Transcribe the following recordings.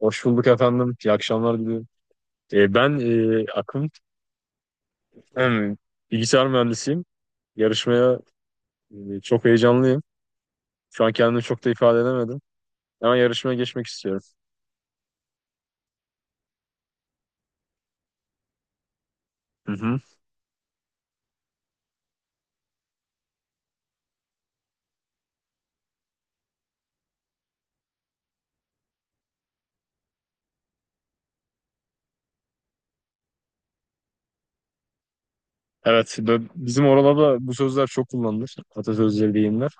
Hoş bulduk efendim. İyi akşamlar diliyorum. Ben Akın, hem bilgisayar mühendisiyim. Yarışmaya çok heyecanlıyım. Şu an kendimi çok da ifade edemedim. Ama yarışmaya geçmek istiyorum. Hı hı. Evet, bizim oralarda bu sözler çok kullanılır. Atasözleri, deyimler.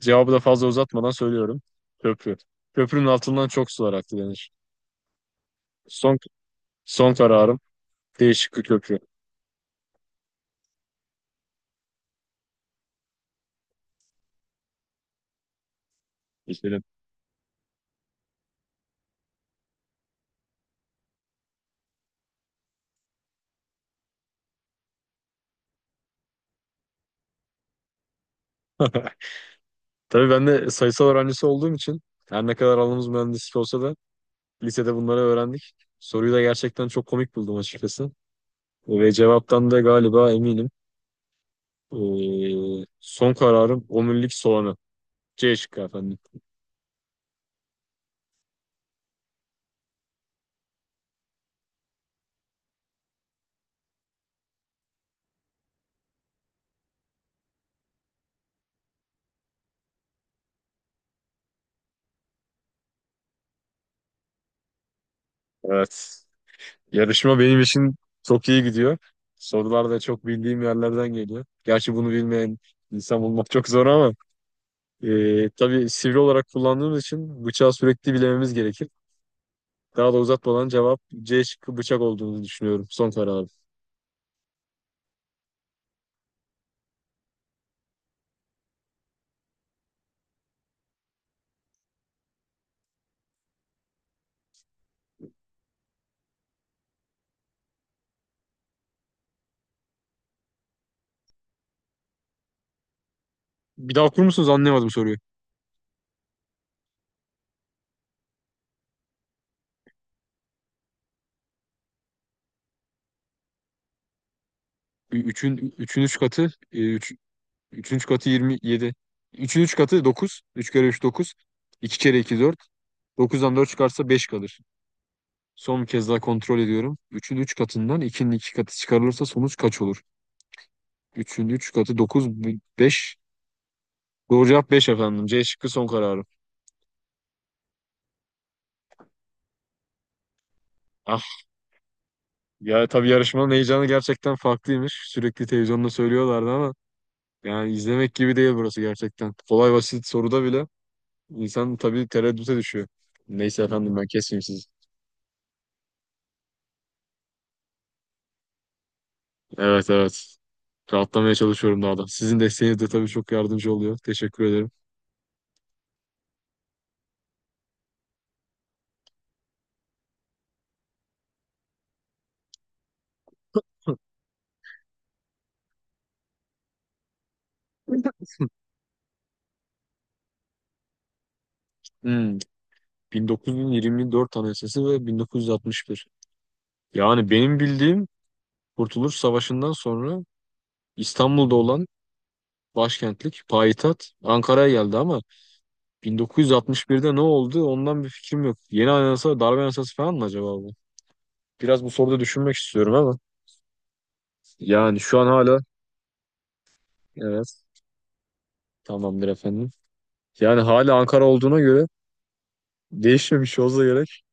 Cevabı da fazla uzatmadan söylüyorum. Köprü. Köprünün altından çok sular aktı denir. Son, son kararım değişik bir köprü. Geçelim. Tabii ben de sayısal öğrencisi olduğum için her ne kadar alanımız mühendislik olsa da lisede bunları öğrendik. Soruyu da gerçekten çok komik buldum açıkçası. Ve cevaptan da galiba eminim. Son kararım omurilik soğanı. C şıkkı efendim. Evet. Yarışma benim için çok iyi gidiyor. Sorular da çok bildiğim yerlerden geliyor. Gerçi bunu bilmeyen insan bulmak çok zor ama tabii sivri olarak kullandığımız için bıçağı sürekli bilememiz gerekir. Daha da uzatmadan cevap C şıkkı bıçak olduğunu düşünüyorum. Son kararım. Bir daha okur musunuz? Anlayamadım soruyu. Üçün üç katı, e, üç, üçün üç katı yirmi yedi. Üçün üç katı dokuz, 3 kere 3 dokuz, 2 kere 2 dört, dokuzdan 4 çıkarsa 5 kalır. Son bir kez daha kontrol ediyorum. Üçün 3 katından ikinin 2 katı çıkarılırsa sonuç kaç olur? Üçün 3 katı dokuz, beş. Doğru cevap 5 efendim. C şıkkı son kararım. Ah ya tabii yarışmanın heyecanı gerçekten farklıymış. Sürekli televizyonda söylüyorlardı ama yani izlemek gibi değil burası gerçekten. Kolay basit soruda bile İnsan tabii tereddüte düşüyor. Neyse efendim ben kesmeyeyim sizi. Evet, evet. Rahatlamaya çalışıyorum daha da. Sizin desteğiniz de tabii çok yardımcı oluyor. Teşekkür ederim. Hmm, 1924 Anayasası ve 1961. Yani benim bildiğim Kurtuluş Savaşı'ndan sonra İstanbul'da olan başkentlik, payitaht Ankara'ya geldi ama 1961'de ne oldu ondan bir fikrim yok. Yeni anayasa, darbe anayasası falan mı acaba bu? Biraz bu soruda düşünmek istiyorum ama yani şu an hala, evet, tamamdır efendim. Yani hala Ankara olduğuna göre değişmemiş olsa gerek.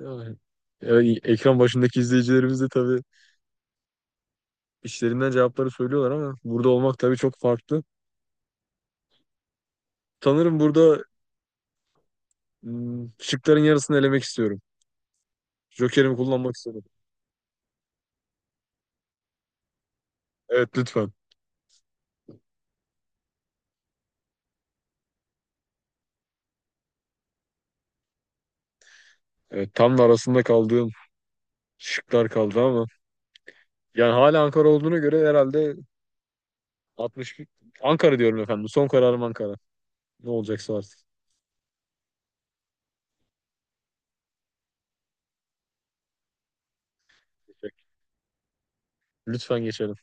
Yani, ekran başındaki izleyicilerimiz de tabii işlerinden cevapları söylüyorlar ama burada olmak tabii çok farklı. Sanırım burada şıkların yarısını elemek istiyorum. Joker'imi kullanmak istiyorum. Evet lütfen. Evet, tam da arasında kaldığım şıklar kaldı ama yani hala Ankara olduğuna göre herhalde 60, Ankara diyorum efendim. Son kararım Ankara. Ne olacaksa artık. Lütfen geçelim.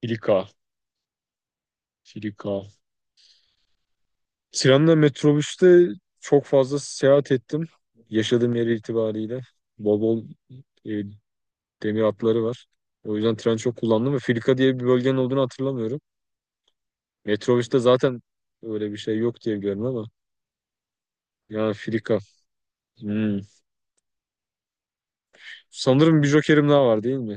Filika. Filika. Trenle metrobüste çok fazla seyahat ettim. Yaşadığım yer itibariyle. Bol bol e, demir hatları var. O yüzden tren çok kullandım ve Filika diye bir bölgenin olduğunu hatırlamıyorum. Metrobüste zaten öyle bir şey yok diye biliyorum ama, yani Filika. Hmm. Sanırım bir jokerim daha var değil mi?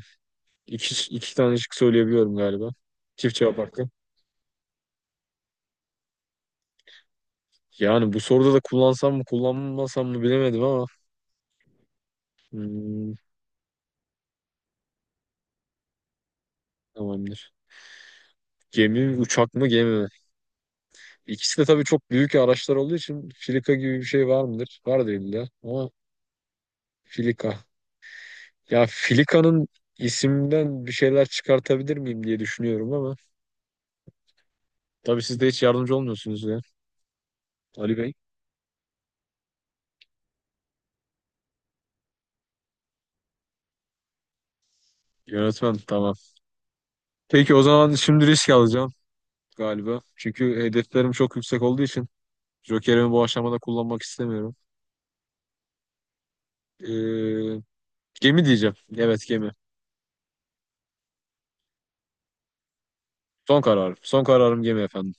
İki tane şık söyleyebiliyorum galiba. Çift cevap hakkı. Yani bu soruda da kullansam mı kullanmasam mı bilemedim ama. Hmm, Tamamdır. Gemi mi, uçak mı, gemi mi? İkisi de tabii çok büyük araçlar olduğu için filika gibi bir şey var mıdır? Var değil illa ama filika. Ya filikanın isimden bir şeyler çıkartabilir miyim diye düşünüyorum ama tabii siz de hiç yardımcı olmuyorsunuz ya. Ali Bey. Yönetmen tamam. Peki o zaman şimdi risk alacağım galiba. Çünkü hedeflerim çok yüksek olduğu için Joker'imi bu aşamada kullanmak istemiyorum. Ee, Gemi diyeceğim. Evet, gemi. Son kararım. Son kararım gemi efendim.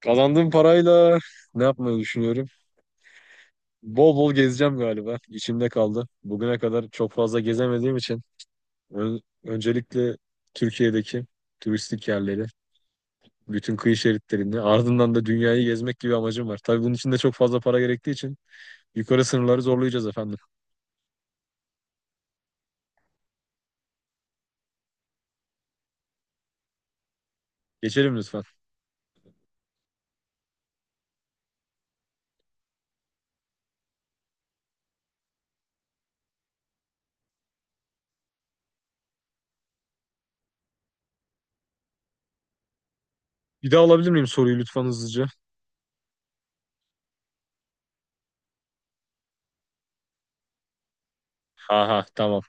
Kazandığım parayla ne yapmayı düşünüyorum? Bol bol gezeceğim galiba. İçimde kaldı. Bugüne kadar çok fazla gezemediğim için öncelikle Türkiye'deki turistik yerleri, bütün kıyı şeritlerini, ardından da dünyayı gezmek gibi amacım var. Tabii bunun için de çok fazla para gerektiği için yukarı sınırları zorlayacağız efendim. Geçelim lütfen. Bir daha alabilir miyim soruyu lütfen hızlıca? Aha tamam.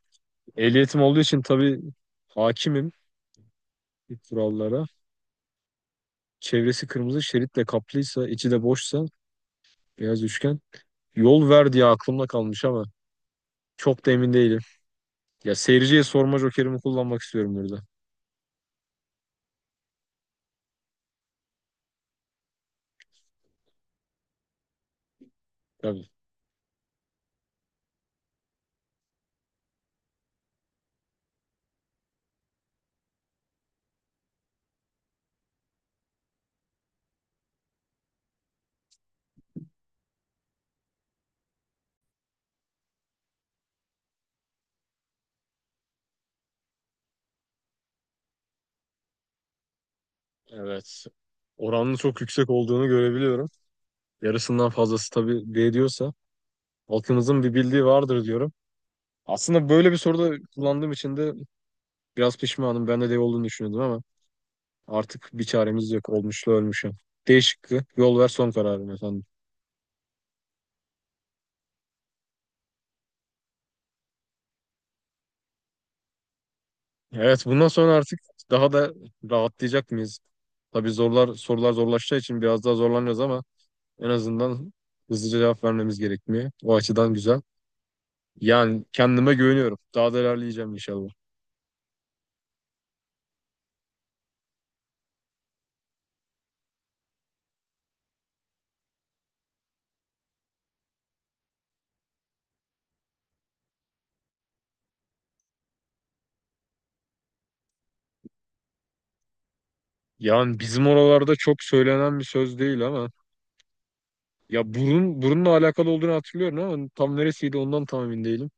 Ehliyetim olduğu için tabii hakimim kurallara. Çevresi kırmızı şeritle kaplıysa, içi de boşsa, beyaz üçgen. Yol ver diye aklımda kalmış ama çok da emin değilim. Ya seyirciye sorma jokerimi kullanmak istiyorum burada. Tabii. Evet. Oranın çok yüksek olduğunu görebiliyorum. Yarısından fazlası tabii D diyorsa halkımızın bir bildiği vardır diyorum. Aslında böyle bir soruda kullandığım için de biraz pişmanım. Ben de D olduğunu düşünüyordum ama artık bir çaremiz yok. Olmuşla ölmüşüm. D şıkkı. Yol ver son kararım efendim. Evet, bundan sonra artık daha da rahatlayacak mıyız? Tabii zorlar sorular zorlaşacağı için biraz daha zorlanacağız ama en azından hızlıca cevap vermemiz gerekmiyor. O açıdan güzel. Yani kendime güveniyorum. Daha da ilerleyeceğim inşallah. Yani bizim oralarda çok söylenen bir söz değil ama ya burun burunla alakalı olduğunu hatırlıyorum ama tam neresiydi ondan tam emin değilim.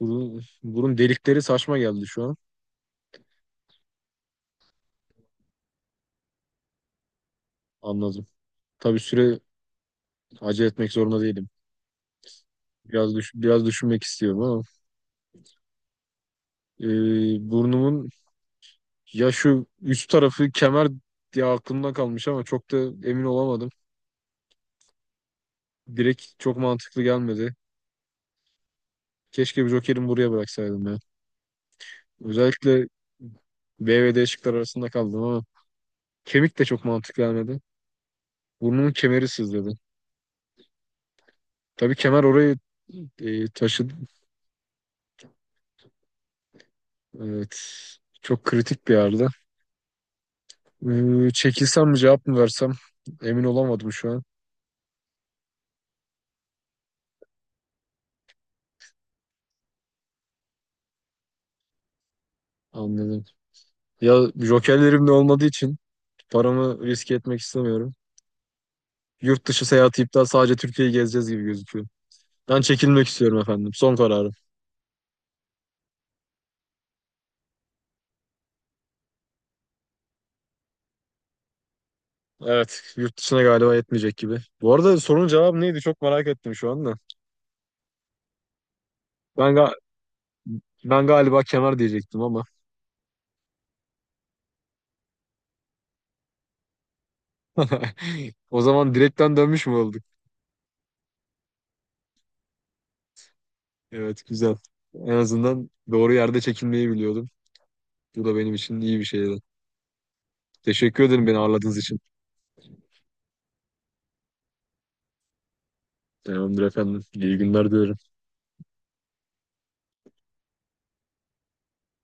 Burun, burun delikleri saçma geldi şu an. Anladım. Tabii süre, acele etmek zorunda değilim. Biraz düşünmek istiyorum ama e, burnumun, ya şu üst tarafı kemer diye aklımda kalmış ama çok da emin olamadım. Direkt çok mantıklı gelmedi. Keşke bir Joker'imi buraya bıraksaydım ya. Özellikle B ve D şıklar arasında kaldım ama kemik de çok mantıklı gelmedi. Burnumun kemeri sızladı. Tabii kemer orayı taşıdı. Evet. Çok kritik bir yerde. Çekilsem mi cevap mı versem emin olamadım şu an. Anladım. Ya jokerlerim de olmadığı için paramı riske etmek istemiyorum. Yurt dışı seyahati iptal, sadece Türkiye'yi gezeceğiz gibi gözüküyor. Ben çekilmek istiyorum efendim. Son kararım. Evet, yurt dışına galiba yetmeyecek gibi. Bu arada sorunun cevabı neydi? Çok merak ettim şu anda. Ben ga- Ben galiba kemer diyecektim ama. O zaman direkten dönmüş mü olduk? Evet, güzel. En azından doğru yerde çekilmeyi biliyordum. Bu da benim için iyi bir şeydi. Teşekkür ederim beni ağırladığınız için. Tamamdır efendim. İyi günler diliyorum.